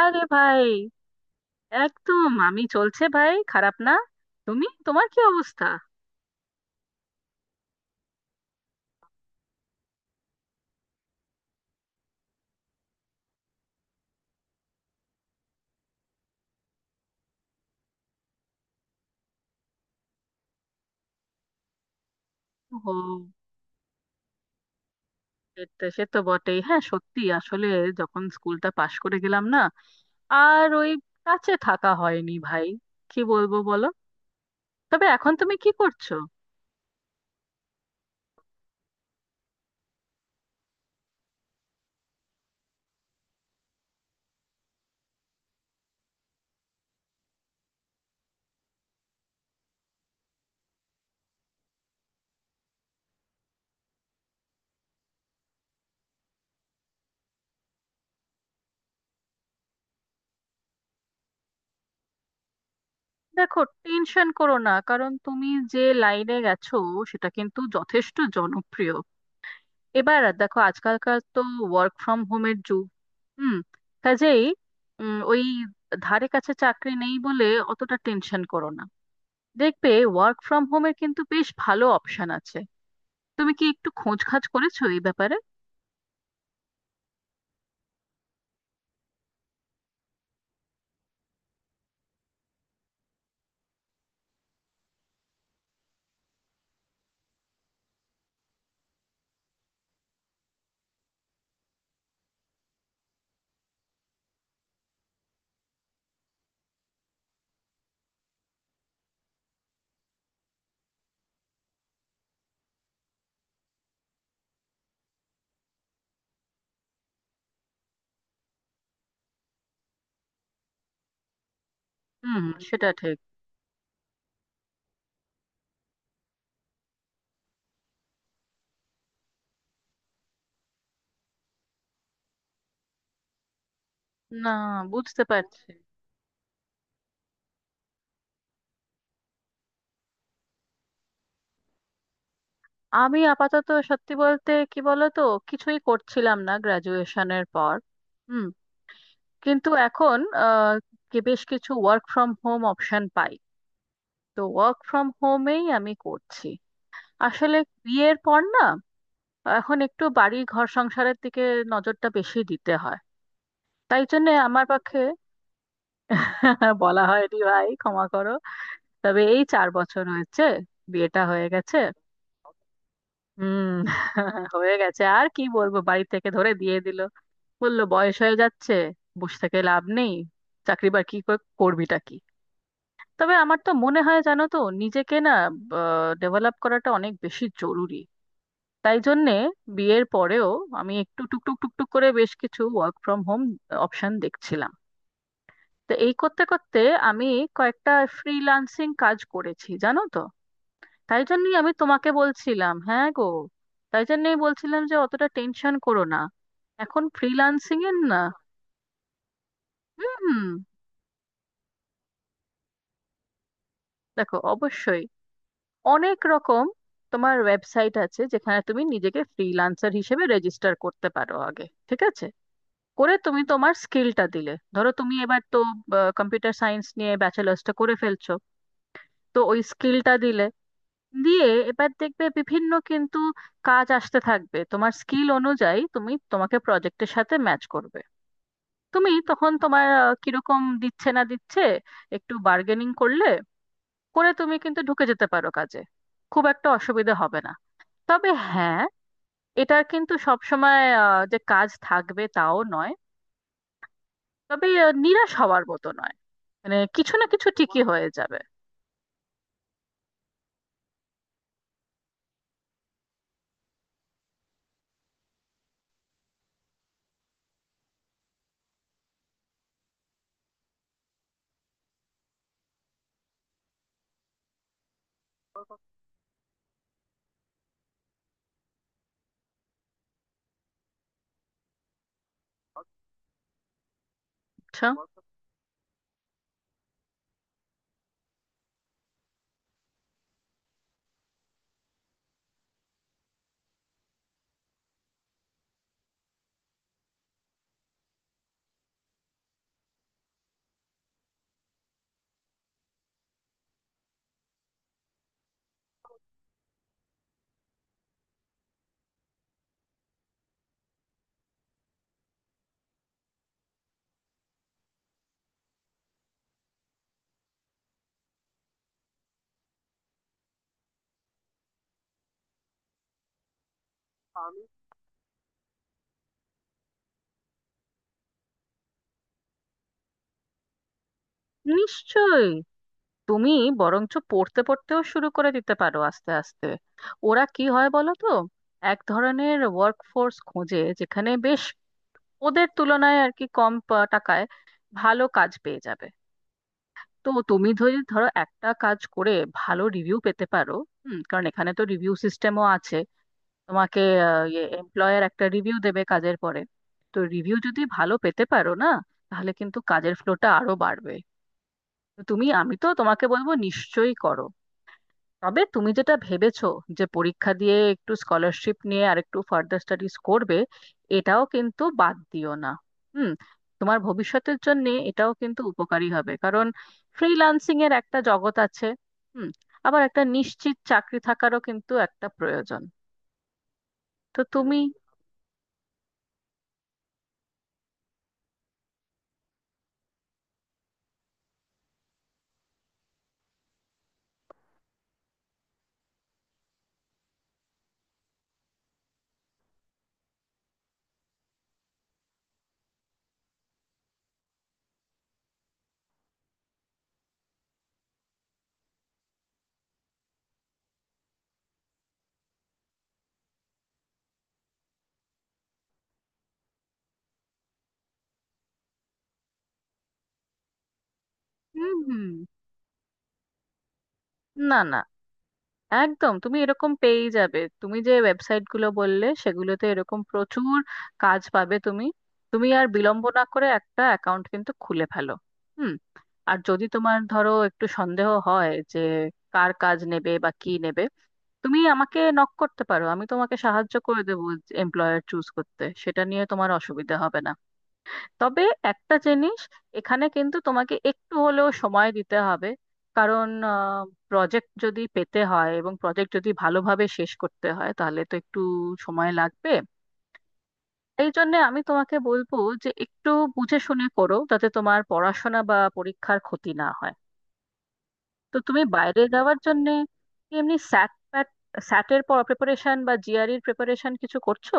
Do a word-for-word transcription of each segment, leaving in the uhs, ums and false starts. আরে ভাই! একদম। আমি চলছে ভাই, খারাপ না। তুমি, তোমার কি অবস্থা? ও, এটা সে তো বটেই। হ্যাঁ সত্যি, আসলে যখন স্কুলটা পাশ করে গেলাম না, আর ওই কাছে থাকা হয়নি ভাই। কি বলবো বলো। তবে এখন তুমি কি করছো? দেখো, টেনশন করো না। কারণ তুমি যে লাইনে গেছো সেটা কিন্তু যথেষ্ট জনপ্রিয়। এবার দেখো, আজকালকার তো ওয়ার্ক ফ্রম হোমের যুগ। হুম কাজেই উম, ওই ধারে কাছে চাকরি নেই বলে অতটা টেনশন করো না। দেখবে, ওয়ার্ক ফ্রম হোমের কিন্তু বেশ ভালো অপশন আছে। তুমি কি একটু খোঁজ খাজ করেছো এই ব্যাপারে? হুম। সেটা ঠিক। না, বুঝতে পারছি। আমি আপাতত সত্যি বলতে কি বলতো, কিছুই করছিলাম না গ্রাজুয়েশনের পর। হুম কিন্তু এখন আহ, কি- বেশ কিছু ওয়ার্ক ফ্রম হোম অপশন পাই। তো ওয়ার্ক ফ্রম হোমেই আমি করছি। আসলে বিয়ের পর না, এখন একটু বাড়ি ঘর সংসারের দিকে নজরটা বেশি দিতে হয়, তাই জন্য আমার পক্ষে। বলা হয়নি ভাই, ক্ষমা করো। তবে এই চার বছর হয়েছে, বিয়েটা হয়ে গেছে। হুম। হয়ে গেছে, আর কি বলবো। বাড়ি থেকে ধরে দিয়ে দিল। বললো বয়স হয়ে যাচ্ছে, বসে থেকে লাভ নেই, চাকরি বাকরি কর- করবিটা কি। তবে আমার তো মনে হয়, জানো তো, নিজেকে না ডেভেলপ করাটা অনেক বেশি জরুরি। তাই জন্যে বিয়ের পরেও আমি একটু টুকটুক টুকটুক করে বেশ কিছু ওয়ার্ক ফ্রম হোম অপশন দেখছিলাম। তো এই করতে করতে আমি কয়েকটা ফ্রিল্যান্সিং কাজ করেছি জানো তো। তাই জন্যই আমি তোমাকে বলছিলাম, হ্যাঁ গো। তাই জন্যই বলছিলাম যে অতটা টেনশন করো না, এখন ফ্রিল্যান্সিং এর না। হুম। দেখো, অবশ্যই অনেক রকম। তোমার ওয়েবসাইট আছে যেখানে তুমি নিজেকে ফ্রিল্যান্সার হিসেবে রেজিস্টার করতে পারো আগে। ঠিক আছে, করে তুমি তোমার স্কিলটা দিলে, ধরো তুমি এবার তো কম্পিউটার সায়েন্স নিয়ে ব্যাচেলার্সটা করে ফেলছো, তো ওই স্কিলটা দিলে, দিয়ে এবার দেখবে বিভিন্ন কিন্তু কাজ আসতে থাকবে। তোমার স্কিল অনুযায়ী তুমি তোমাকে প্রজেক্টের সাথে ম্যাচ করবে। তুমি তখন তোমার আহ, কিরকম দিচ্ছে না দিচ্ছে একটু বার্গেনিং করলে, করে তুমি কিন্তু ঢুকে যেতে পারো কাজে। খুব একটা অসুবিধা হবে না। তবে হ্যাঁ, এটা কিন্তু সবসময় আহ, যে কাজ থাকবে তাও নয়। তবে আহ, নিরাশ হওয়ার মতো নয়, মানে কিছু না কিছু ঠিকই হয়ে যাবে। আচ্ছা। নিশ্চয়ই। তুমি বরঞ্চ পড়তে পড়তেও শুরু করে দিতে পারো আস্তে আস্তে। ওরা কি হয় বলো তো, এক ধরনের ওয়ার্ক ফোর্স খোঁজে যেখানে বেশ ওদের তুলনায় আর কি কম পা- টাকায় ভালো কাজ পেয়ে যাবে। তো তুমি যদি ধরো একটা কাজ করে ভালো রিভিউ পেতে পারো, হুম কারণ এখানে তো রিভিউ সিস্টেমও আছে। তোমাকে আহ, ইয়ে এমপ্লয়ার একটা রিভিউ দেবে কাজের পরে। তো রিভিউ যদি ভালো পেতে পারো না, তাহলে কিন্তু কাজের ফ্লোটা আরো বাড়বে। তো তুমি, আমি তো তোমাকে বলবো নিশ্চয়ই করো। তবে তুমি যেটা ভেবেছো যে পরীক্ষা দিয়ে একটু স্কলারশিপ নিয়ে আর একটু ফার্দার স্টাডিজ করবে, এটাও কিন্তু বাদ দিও না। হুম তোমার ভবিষ্যতের জন্য এটাও কিন্তু উপকারী হবে। কারণ ফ্রিল্যান্সিং এর একটা জগৎ আছে, হুম আবার একটা নিশ্চিত চাকরি থাকারও কিন্তু একটা প্রয়োজন। তো তুমি। হুম হুম। না, না। একদম, তুমি এরকম পেয়েই যাবে। তুমি যে ওয়েবসাইট গুলো বললে সেগুলোতে এরকম প্রচুর কাজ পাবে তুমি। তুমি আর বিলম্ব না করে একটা অ্যাকাউন্ট কিন্তু খুলে ফেলো। হুম আর যদি তোমার ধরো একটু সন্দেহ হয় যে কার কাজ নেবে বা কি নেবে, তুমি আমাকে নক করতে পারো, আমি তোমাকে সাহায্য করে দেবো। এমপ্লয়ার চুজ করতে সেটা নিয়ে তোমার অসুবিধা হবে না। তবে একটা জিনিস, এখানে কিন্তু তোমাকে একটু হলেও সময় দিতে হবে। কারণ প্রজেক্ট যদি পেতে হয় এবং প্রজেক্ট যদি ভালোভাবে শেষ করতে হয় তাহলে তো একটু সময় লাগবে। এই জন্য আমি তোমাকে বলবো যে একটু বুঝে শুনে করো যাতে তোমার পড়াশোনা বা পরীক্ষার ক্ষতি না হয়। তো তুমি বাইরে যাওয়ার জন্য এমনি স্যাট প্যাট, স্যাটের প্রিপারেশন বা জিআরইর প্রিপারেশন কিছু করছো?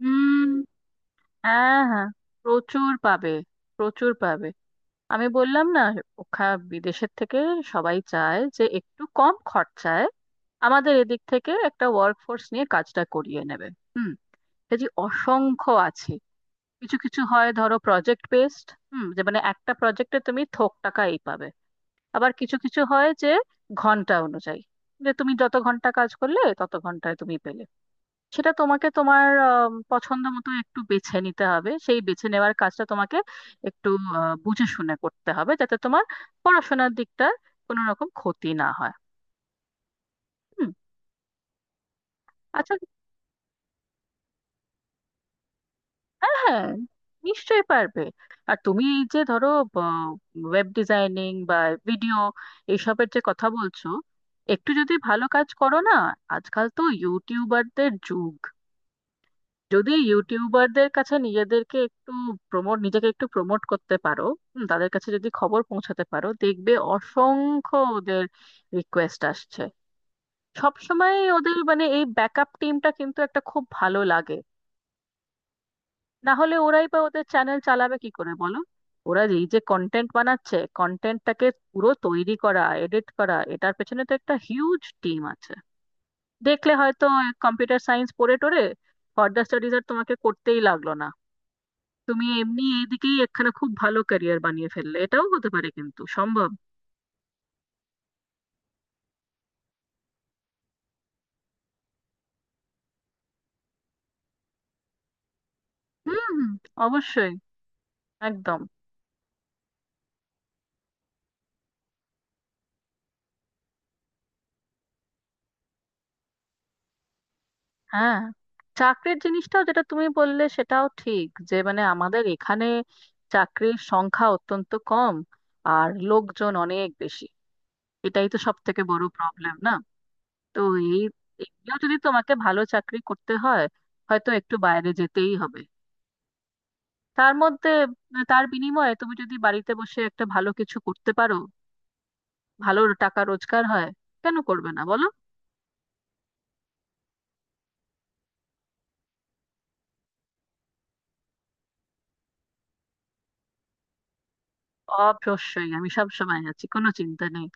হুম। হ্যাঁ, হ্যাঁ, প্রচুর পাবে, প্রচুর পাবে। আমি বললাম না, ওখা বিদেশের থেকে সবাই চায় যে একটু কম খরচায় আমাদের এদিক থেকে একটা ওয়ার্ক ফোর্স নিয়ে কাজটা করিয়ে নেবে। হুম যে অসংখ্য আছে। কিছু কিছু হয় ধরো প্রজেক্ট বেসড, হুম যে মানে একটা প্রজেক্টে তুমি থোক টাকা এই পাবে। আবার কিছু কিছু হয় যে ঘন্টা অনুযায়ী, যে তুমি যত ঘন্টা কাজ করলে তত ঘন্টায় তুমি পেলে। সেটা তোমাকে তোমার আম, পছন্দ মতো একটু বেছে নিতে হবে। সেই বেছে নেওয়ার কাজটা তোমাকে একটু আহ, বুঝে শুনে করতে হবে যাতে তোমার পড়াশোনার দিকটা কোনো রকম ক্ষতি না হয়। হুম। আচ্ছা। হ্যাঁ, হ্যাঁ, নিশ্চয়ই পারবে। আর তুমি এই যে ধরো ওয়েব ডিজাইনিং বা ভিডিও এইসবের যে কথা বলছো, একটু যদি ভালো কাজ করো না। আজকাল তো ইউটিউবারদের যুগ। যদি ইউটিউবারদের কাছে নিজেদেরকে একটু প্রমোট নিজেকে একটু প্রমোট করতে পারো, হুম, তাদের কাছে যদি খবর পৌঁছাতে পারো দেখবে অসংখ্য ওদের রিকোয়েস্ট আসছে। সবসময় ওদের মানে এই ব্যাকআপ টিমটা কিন্তু একটা খুব ভালো লাগে। না হলে ওরাই বা ওদের চ্যানেল চালাবে কি করে বলো। ওরা এই যে কন্টেন্ট বানাচ্ছে, কন্টেন্টটাকে পুরো তৈরি করা, এডিট করা, এটার পেছনে তো একটা হিউজ টিম আছে। দেখলে হয়তো কম্পিউটার সায়েন্স পড়ে টোরে ফার্দার স্টাডিজ আর তোমাকে করতেই লাগলো না। তুমি এমনি এইদিকেই একখানা খুব ভালো ক্যারিয়ার বানিয়ে ফেললে, এটাও হতে পারে কিন্তু সম্ভব। হুম হুম। অবশ্যই। একদম। হ্যাঁ। চাকরির জিনিসটাও যেটা তুমি বললে সেটাও ঠিক। যে মানে আমাদের এখানে চাকরির সংখ্যা অত্যন্ত কম, আর লোকজন অনেক বেশি, এটাই তো সব থেকে বড় প্রবলেম না। তো এই এগুলো যদি তোমাকে ভালো চাকরি করতে হয় হয়তো একটু বাইরে যেতেই হবে। তার মধ্যে তার বিনিময়ে তুমি যদি বাড়িতে বসে একটা ভালো কিছু করতে পারো, ভালো টাকা রোজগার হয়, কেন করবে না বলো। অবশ্যই। আমি সব সময় আছি, কোনো চিন্তা নেই।